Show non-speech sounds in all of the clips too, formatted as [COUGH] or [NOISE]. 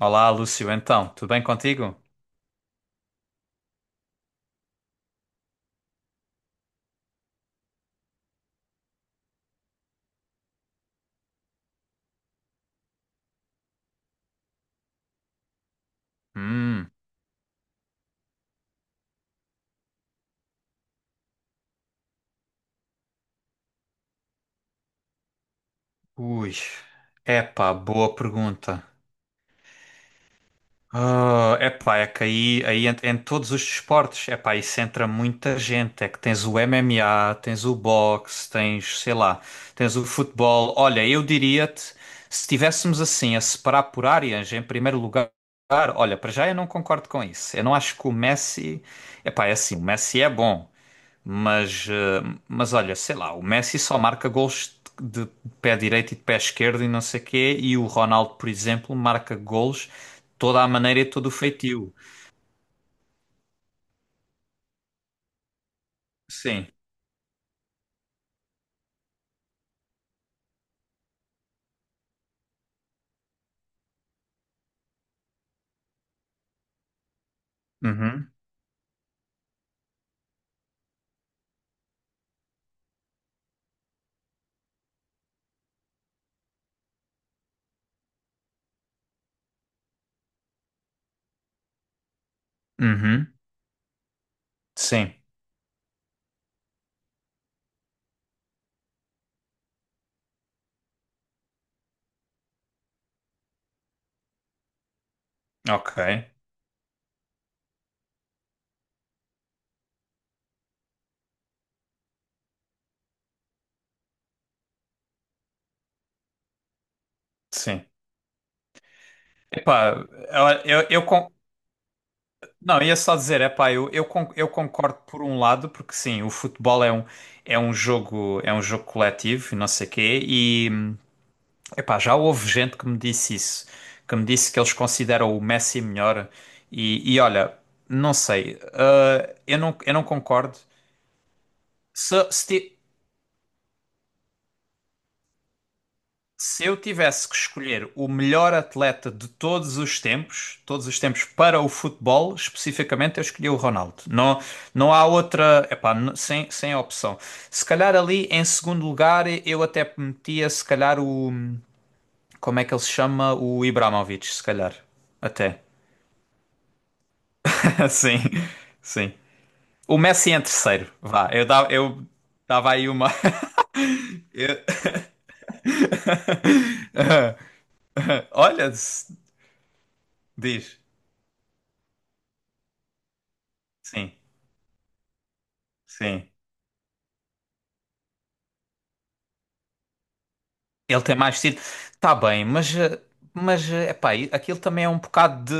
Olá, Lúcio. Então, tudo bem contigo? Hum, ui. Epá, boa pergunta. Ah, epá, é que em todos os desportos, epá, isso entra muita gente. É que tens o MMA, tens o boxe, tens, sei lá, tens o futebol. Olha, eu diria-te, se estivéssemos assim a separar por áreas, em primeiro lugar, olha, para já eu não concordo com isso. Eu não acho que o Messi, epá, é assim, o Messi é bom. Mas, mas olha, sei lá, o Messi só marca gols de pé direito e de pé esquerdo e não sei quê, e o Ronaldo, por exemplo, marca gols toda a maneira e todo o feitio. Sim. Uhum. Uhum. Sim. Ok. Sim. Epá, eu não, ia só dizer, epá, eu concordo por um lado, porque sim, o futebol é um jogo coletivo e não sei quê. Epá, já houve gente que me disse isso, que me disse que eles consideram o Messi melhor e olha, não sei, eu não concordo. Se, se, ti- Se eu tivesse que escolher o melhor atleta de todos os tempos para o futebol, especificamente, eu escolhi o Ronaldo. Não, não há outra, epá, sem, sem opção. Se calhar ali em segundo lugar eu até metia, se calhar o, como é que ele se chama? O Ibrahimovic, se calhar, até. [LAUGHS] Sim, sim. O Messi em terceiro, vá. Eu dava aí uma. [LAUGHS] Eu- [LAUGHS] Olha, diz. Sim, sim. Ele tem mais tiro. Tá bem, mas, mas epá, aquilo também é um bocado de.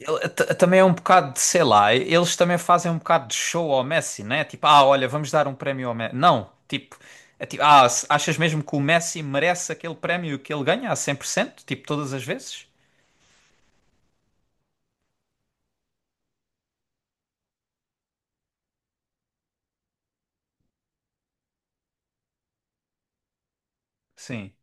Também é um bocado de, sei lá, eles também fazem um bocado de show ao Messi, né? Tipo, ah, olha, vamos dar um prémio ao Messi. Não, tipo, é tipo, ah, achas mesmo que o Messi merece aquele prémio que ele ganha a cem por cento? Tipo, todas as vezes? Sim,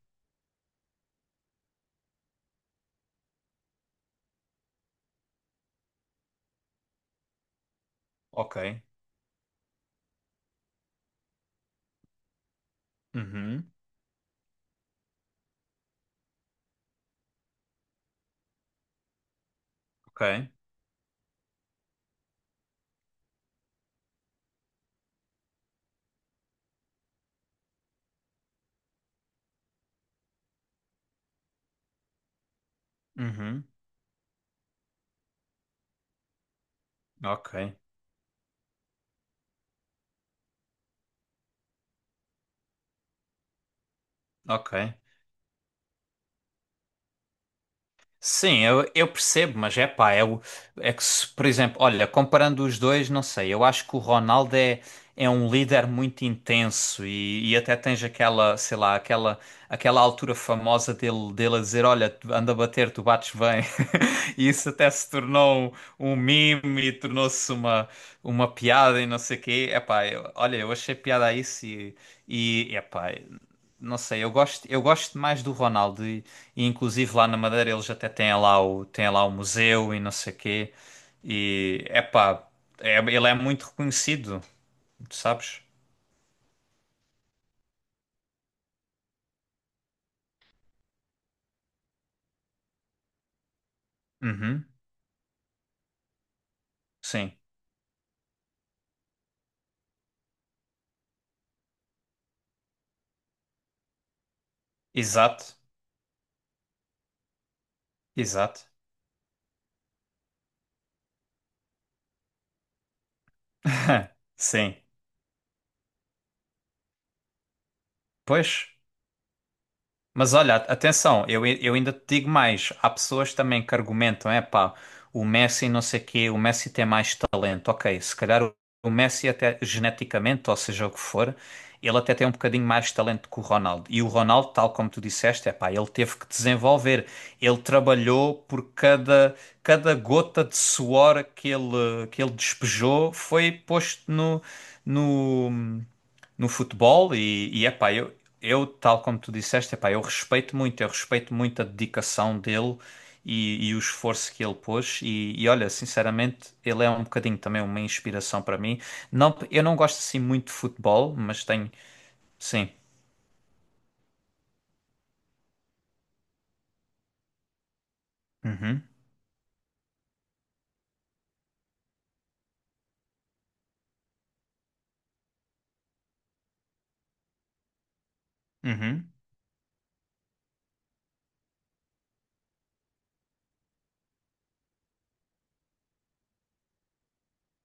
ok. Uhum, ok, uhum, ok, ok. Sim, eu percebo, mas é pá, é que se, por exemplo, olha, comparando os dois, não sei, eu acho que é um líder muito intenso e até tens aquela, sei lá, aquela, aquela altura famosa dele, dele a dizer, olha, anda a bater, tu bates bem. [LAUGHS] E isso até se tornou um meme e tornou-se uma piada e não sei o quê. É pá, olha, eu achei piada a isso e... E, epá, não sei, eu gosto mais do Ronaldo e inclusive lá na Madeira eles até têm têm lá o museu e não sei quê. E epá, é, ele é muito reconhecido, sabes? Uhum, sim, exato, exato. [LAUGHS] Sim, pois. Mas olha, atenção, eu ainda te digo mais. Há pessoas também que argumentam, é pá, o Messi não sei quê, o Messi tem mais talento. Ok, se calhar o Messi até geneticamente, ou seja o que for, ele até tem um bocadinho mais talento que o Ronaldo. E o Ronaldo, tal como tu disseste, é pá, ele teve que desenvolver. Ele trabalhou por cada gota de suor que ele despejou foi posto no, no futebol e epá, tal como tu disseste, epá, eu respeito muito a dedicação dele e o esforço que ele pôs. E olha, sinceramente, ele é um bocadinho também uma inspiração para mim. Não, eu não gosto assim muito de futebol, mas tenho. Sim. Uhum, uhum.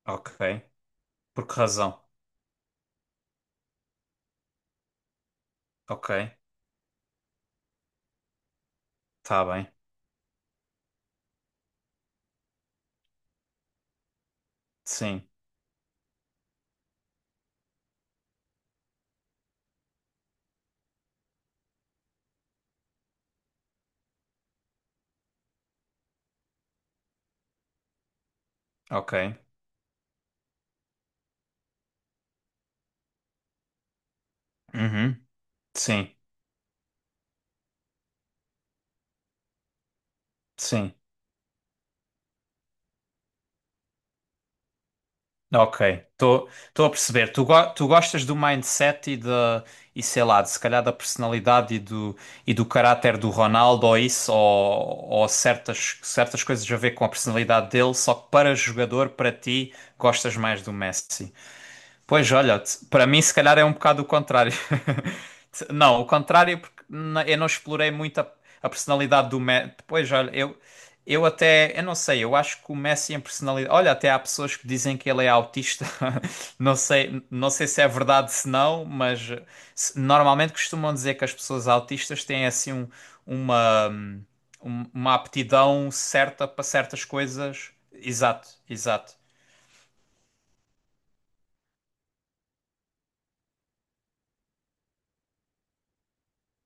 Ok. Por que razão? Ok. Tá bem. Sim. Ok. Uhum. Sim. Sim. Ok, estou a perceber. Tu, tu gostas do mindset e sei lá, de, se calhar da personalidade e do caráter do Ronaldo ou isso, ou certas, certas coisas a ver com a personalidade dele, só que para jogador, para ti, gostas mais do Messi. Pois olha, para mim se calhar é um bocado o contrário. [LAUGHS] Não, o contrário porque eu não explorei muito a personalidade do Messi. Pois olha, eu até, eu não sei, eu acho que o Messi em personalidade. Olha, até há pessoas que dizem que ele é autista. [LAUGHS] Não sei, não sei se é verdade se não, mas normalmente costumam dizer que as pessoas autistas têm assim uma, uma aptidão certa para certas coisas. Exato, exato.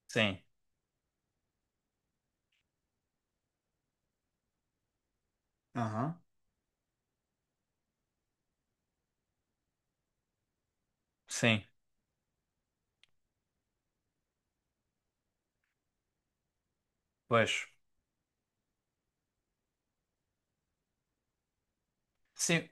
Sim, aham, sim, pois. Sim,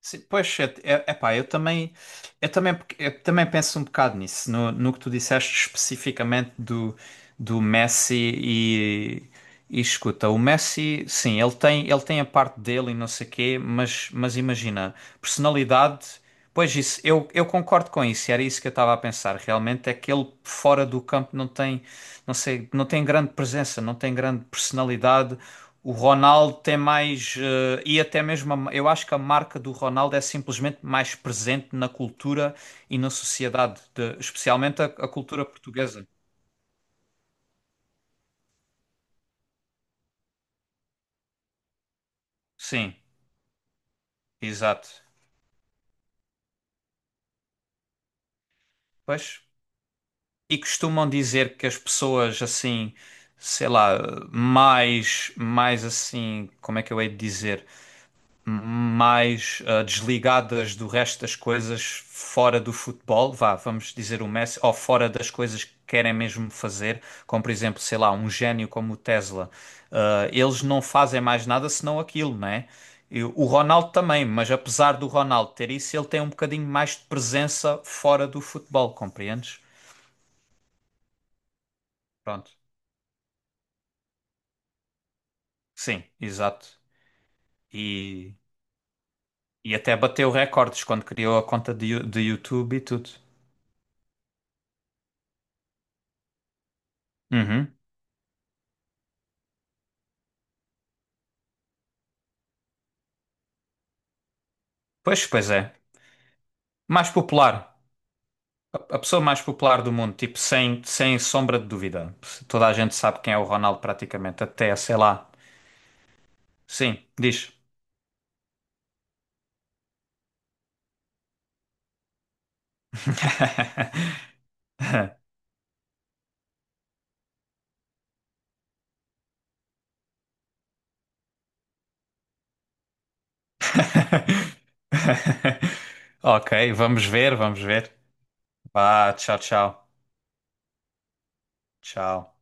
sim, pois é, é, epá, eu também, eu também penso um bocado nisso, no que tu disseste especificamente do Messi e escuta, o Messi, sim, ele tem a parte dele e não sei quê, mas imagina, personalidade, pois isso, eu concordo com isso, e era isso que eu estava a pensar, realmente é que ele fora do campo não tem, não sei, não tem grande presença, não tem grande personalidade. O Ronaldo tem mais. E até mesmo. Eu acho que a marca do Ronaldo é simplesmente mais presente na cultura e na sociedade, especialmente a cultura portuguesa. Sim, exato. Pois. E costumam dizer que as pessoas assim, sei lá, mais. Mais assim. Como é que eu hei de dizer? Mais desligadas do resto das coisas fora do futebol, vá, vamos dizer o Messi, ou fora das coisas que querem mesmo fazer, como por exemplo, sei lá, um gênio como o Tesla. Ah, eles não fazem mais nada senão aquilo, né? E o Ronaldo também, mas apesar do Ronaldo ter isso, ele tem um bocadinho mais de presença fora do futebol, compreendes? Pronto. Sim, exato. E, e até bateu recordes quando criou a conta de, de YouTube e tudo. Uhum. Pois, pois é. Mais popular. A pessoa mais popular do mundo, tipo, sem, sem sombra de dúvida. Toda a gente sabe quem é o Ronaldo, praticamente. Até, sei lá. Sim, diz. [LAUGHS] Ok, vamos ver, vamos ver. Vá, tchau, tchau. Tchau.